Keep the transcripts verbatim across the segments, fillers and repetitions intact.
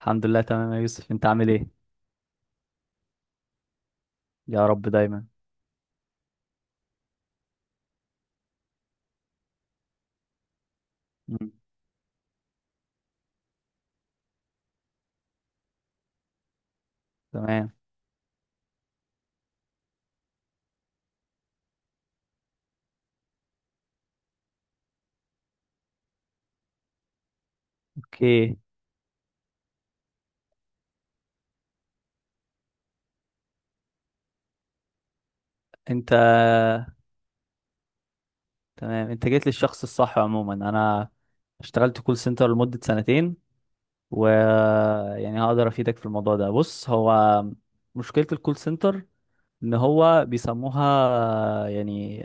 الحمد لله تمام يا يوسف انت عامل ايه يا رب دايما مم. تمام اوكي انت تمام، انت جيت للشخص الصح. عموما انا اشتغلت كول سنتر لمدة سنتين و يعني هقدر افيدك في الموضوع ده. بص، هو مشكلة الكول سنتر ان هو بيسموها يعني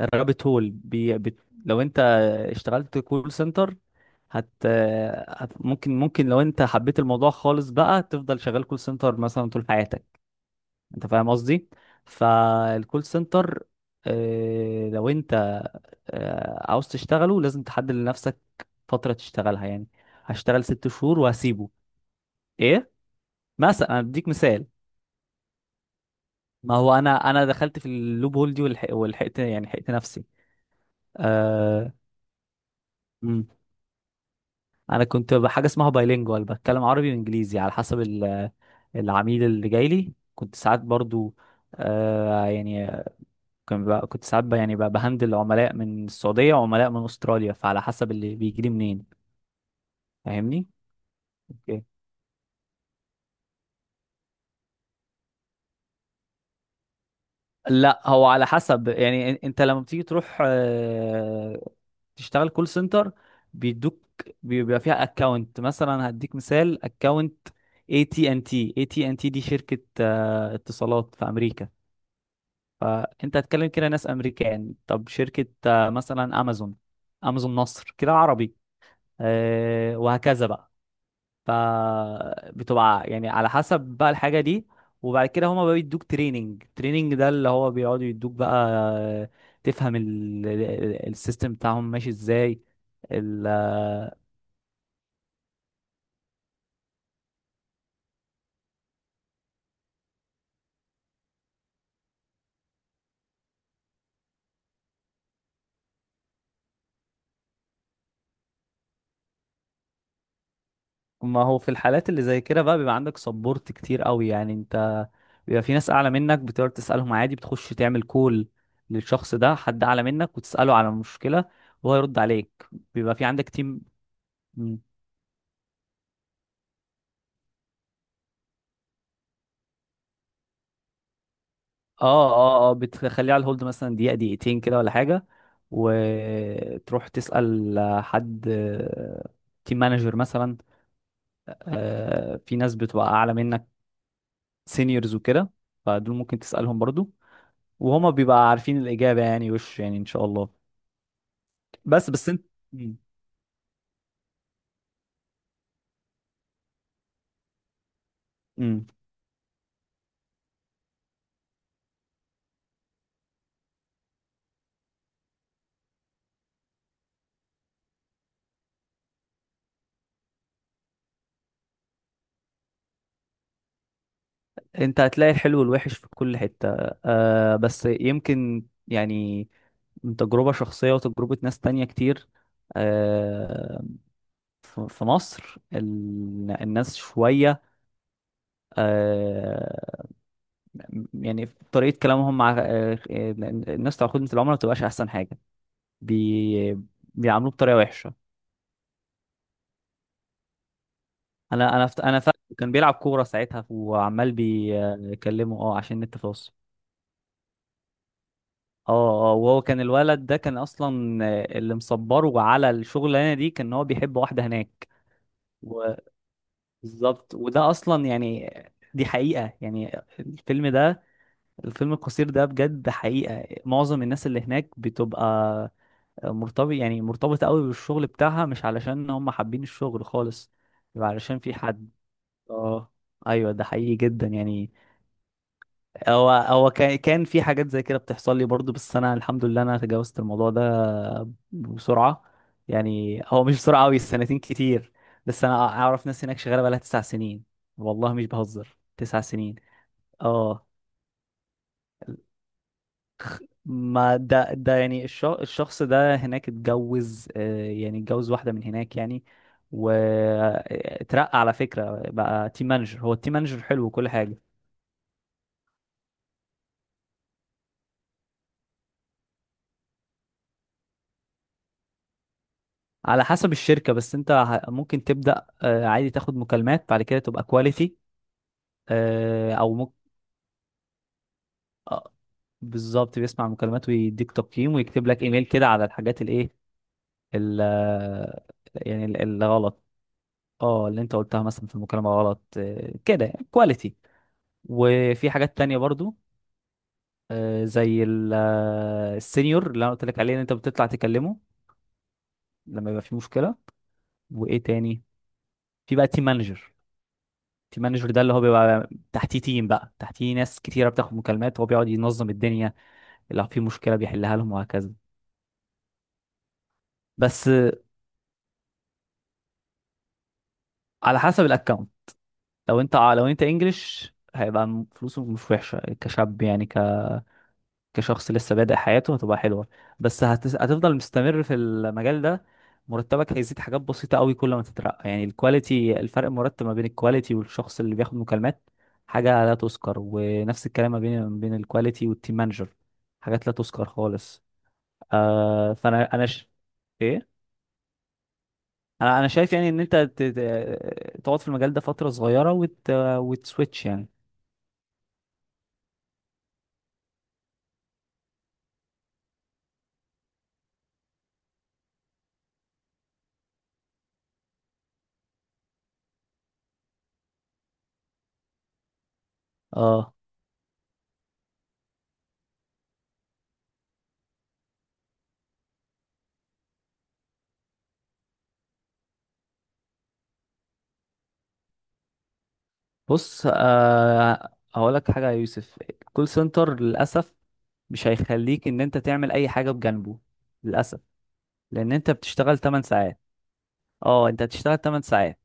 الرابت هول. بي... بت... لو انت اشتغلت كول سنتر هت... هت ممكن ممكن لو انت حبيت الموضوع خالص بقى تفضل شغال كول سنتر مثلا طول حياتك. انت فاهم قصدي؟ فالكول سنتر، آه، لو انت آه، عاوز تشتغله لازم تحدد لنفسك فترة تشتغلها. يعني هشتغل ست شهور وهسيبه. ايه، مثلا انا بديك مثال. ما هو انا انا دخلت في اللوب هول دي، والحق والحقت، يعني حقت نفسي. آه. مم. انا كنت بحاجة اسمها بايلينجوال، بتكلم عربي وانجليزي على حسب ال- العميل اللي جاي لي. كنت ساعات برضو، آه يعني كان بقى كنت ساعات بقى، يعني بقى بهندل عملاء من السعودية وعملاء من أستراليا، فعلى حسب اللي بيجي لي منين. فاهمني؟ اوكي. لا، هو على حسب. يعني إن- انت لما بتيجي تروح آه، تشتغل كول سنتر بيدوك، بيبقى فيها اكونت. مثلا هديك مثال: اكونت اي تي ان تي. اي تي ان تي دي شركة آه، اتصالات في امريكا، فانت هتكلم كده ناس امريكان. طب شركة آه، مثلا امازون، امازون مصر كده عربي، آه، وهكذا بقى. فبتبقى يعني على حسب بقى الحاجة دي. وبعد كده هما بقى بيدوك تريننج. تريننج ده اللي هو بيقعدوا يدوك بقى تفهم ال- ال- السيستم بتاعهم ماشي ازاي. ال- ما هو في الحالات اللي زي كده بقى بيبقى عندك سبورت كتير قوي. يعني انت بيبقى في ناس اعلى منك بتقدر تسألهم عادي. بتخش تعمل كول للشخص ده، حد اعلى منك، وتسأله على المشكلة وهو يرد عليك. بيبقى في عندك تيم. اه اه اه، بتخليه على الهولد مثلا دقيقة دقيقتين كده ولا حاجة، وتروح تسأل حد، تيم مانجر مثلا. آه، في ناس بتبقى أعلى منك، سينيورز وكده، فدول ممكن تسألهم برضو، وهما بيبقى عارفين الإجابة. يعني وش يعني إن شاء الله. بس بس انت. مم. مم. انت هتلاقي الحلو والوحش في كل حتة. آه، بس يمكن يعني من تجربة شخصية وتجربة ناس تانية كتير. آه، ف- في مصر ال- الناس شوية، آه، م- يعني طريقة كلامهم مع آه، الناس بتاع خدمة العملاء ما بتبقاش أحسن حاجة. بي... بيعاملوه بطريقة وحشة. أنا أنا فت- أنا فاكر كان بيلعب كورة ساعتها وعمال بيكلمه، أه، عشان النت فاصل. اه اه، وهو كان الولد ده كان اصلا آه، اللي مصبره على الشغلانه دي كان هو بيحب واحده هناك. وبالظبط، وده اصلا يعني دي حقيقه. يعني الفيلم ده، الفيلم القصير ده بجد حقيقة. معظم الناس اللي هناك بتبقى مرتبط، يعني مرتبطة قوي بالشغل بتاعها، مش علشان هم حابين الشغل خالص، بيبقى علشان في حد. اه، ايوه، ده حقيقي جدا يعني. هو هو كان كان في حاجات زي كده بتحصل لي برضو، بس انا الحمد لله انا تجاوزت الموضوع ده بسرعة. يعني هو مش بسرعة قوي، سنتين كتير، بس انا اعرف ناس هناك شغالة بقالها تسع سنين. والله مش بهزر، تسع سنين. اه، ما ده ده يعني الش- الشخص ده هناك اتجوز، آه، يعني اتجوز واحدة من هناك يعني. واترقى على فكرة بقى تيم مانجر، هو التيم مانجر حلو وكل حاجة. على حسب الشركة، بس انت ه- ممكن تبدأ آه، عادي تاخد مكالمات، بعد كده تبقى كواليتي. او ممكن. بالظبط، بيسمع المكالمات ويديك تقييم ويكتب لك ايميل كده على الحاجات الايه، ال- آه، يعني ال- الغلط. اه، اللي انت قلتها مثلا في المكالمة غلط، آه، كده كواليتي. وفي حاجات تانية برضو آه، زي ال- آه، السينيور اللي انا قلت لك عليه ان انت بتطلع تكلمه لما يبقى في مشكلة. وايه تاني؟ في بقى تيم مانجر. تيم مانجر ده اللي هو بيبقى تحتيه تيم، بقى تحتيه ناس كتيرة بتاخد مكالمات، هو بيقعد ينظم الدنيا، لو في مشكلة بيحلها لهم وهكذا. بس آه، على حسب الاكونت. لو انت لو انت انجلش، هيبقى فلوسه مش وحشة كشاب، يعني كشخص لسه بادئ حياته، هتبقى حلوة. بس هت... هتفضل مستمر في المجال ده، مرتبك هيزيد حاجات بسيطة قوي كل ما تترقى. يعني الكواليتي، الفرق المرتب ما بين الكواليتي والشخص اللي بياخد مكالمات حاجة لا تذكر، ونفس الكلام ما بين ما بين الكواليتي والتيم مانجر، حاجات لا تذكر خالص. آه فانا انا ش... ايه انا انا شايف يعني ان انت ت... ت- تقعد في المجال ده فترة صغيرة وت... وتسويتش يعني. اه، بص، آه هقول لك حاجة يا يوسف. الكول سنتر للأسف مش هيخليك ان انت تعمل اي حاجه بجانبه. للاسف، لان انت بتشتغل ثماني ساعات. اه، انت هتشتغل ثماني ساعات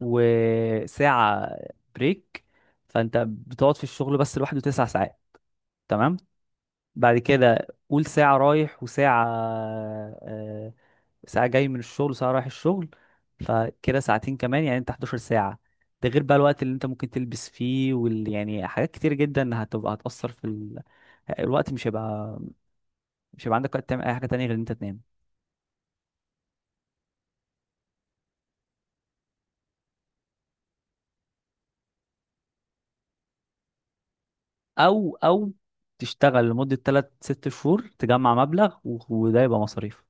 وساعه بريك، فانت بتقعد في الشغل بس لوحده تسع ساعات. تمام، بعد كده قول ساعه رايح وساعه، آه، ساعه جاي من الشغل وساعه رايح الشغل، فكده ساعتين كمان. يعني انت حداشر ساعه. ده غير بقى الوقت اللي انت ممكن تلبس فيه، وال... يعني حاجات كتير جدا هتبقى هتأثر في ال... الوقت. مش هيبقى، مش هيبقى عندك وقت تعمل اي حاجه تانية غير ان انت تنام. او او تشتغل لمدة ثلاثة ستة شهور، تجمع مبلغ و- وده يبقى مصاريف.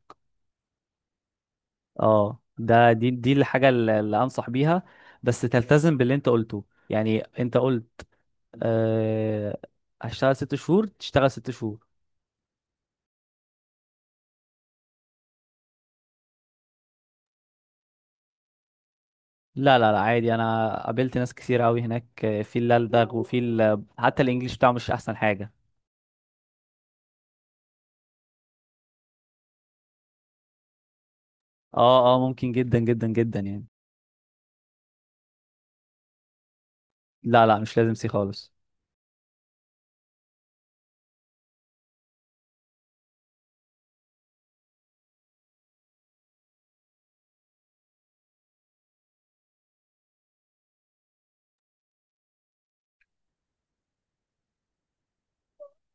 اه، ده، دي دي الحاجة اللي اللي انصح بيها. بس تلتزم باللي انت قلته. يعني انت قلت، أه هشتغل ست شهور، تشتغل ست شهور. لا لا لا، عادي. انا قابلت ناس كتير قوي هناك، آه، في اللي ألدغ وفي ال- حتى الانجليش بتاعه مش احسن حاجة. اه اه، ممكن جدا جدا جدا يعني. لا لا، مش لازم سي خالص.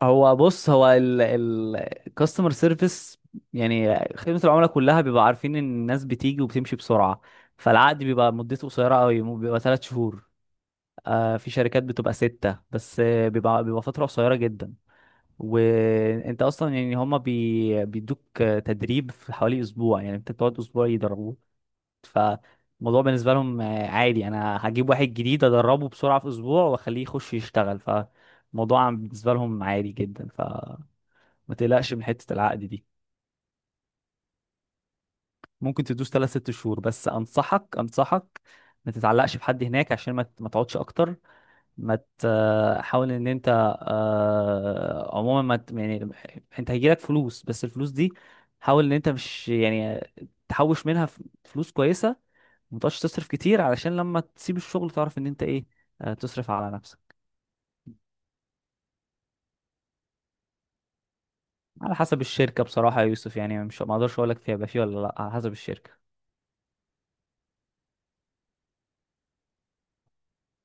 هو بص، هو الكاستمر سيرفيس، يعني خدمة العملاء كلها، بيبقى عارفين ان الناس بتيجي وبتمشي بسرعة، فالعقد بيبقى مدته قصيرة قوي. مو- بيبقى ثلاث شهور. آه، في شركات بتبقى ستة بس، آه، بيبقى بيبقى فترة قصيرة جدا. وانت اصلا يعني هما بي بيدوك آه، تدريب في حوالي اسبوع. يعني انت بتقعد اسبوع يدربوك. فالموضوع بالنسبة لهم آه، عادي. انا هجيب واحد جديد ادربه بسرعة في اسبوع واخليه يخش يشتغل. ف الموضوع بالنسبة لهم عادي جدا، ف ما تقلقش من حتة العقد دي. ممكن تدوس تلات ست شهور، بس أنصحك، أنصحك ما تتعلقش بحد هناك عشان ما ت- ما تقعدش أكتر. ما ت- حاول إن أنت، آه، عموما ما ت- يعني أنت هيجيلك فلوس، بس الفلوس دي حاول إن أنت مش يعني تحوش منها ف- فلوس كويسة. ما تقعدش تصرف كتير علشان لما تسيب الشغل تعرف إن أنت إيه، آه، تصرف على نفسك. على حسب الشركة بصراحة يا يوسف. يعني مش، ما أقدرش أقول لك فيها يبقى فيه ولا لأ، على حسب الشركة.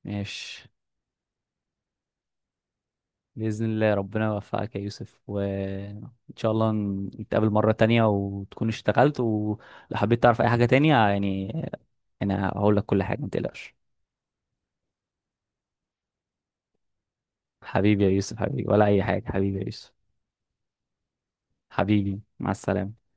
ماشي، بإذن الله ربنا يوفقك يا يوسف، وإن شاء الله نتقابل مرة تانية وتكون اشتغلت. ولو حبيت تعرف أي حاجة تانية يعني، أنا هقول لك كل حاجة، ما تقلقش. حبيبي يا يوسف، حبيبي ولا أي حاجة، حبيبي يا يوسف، حبيبي مع السلامة.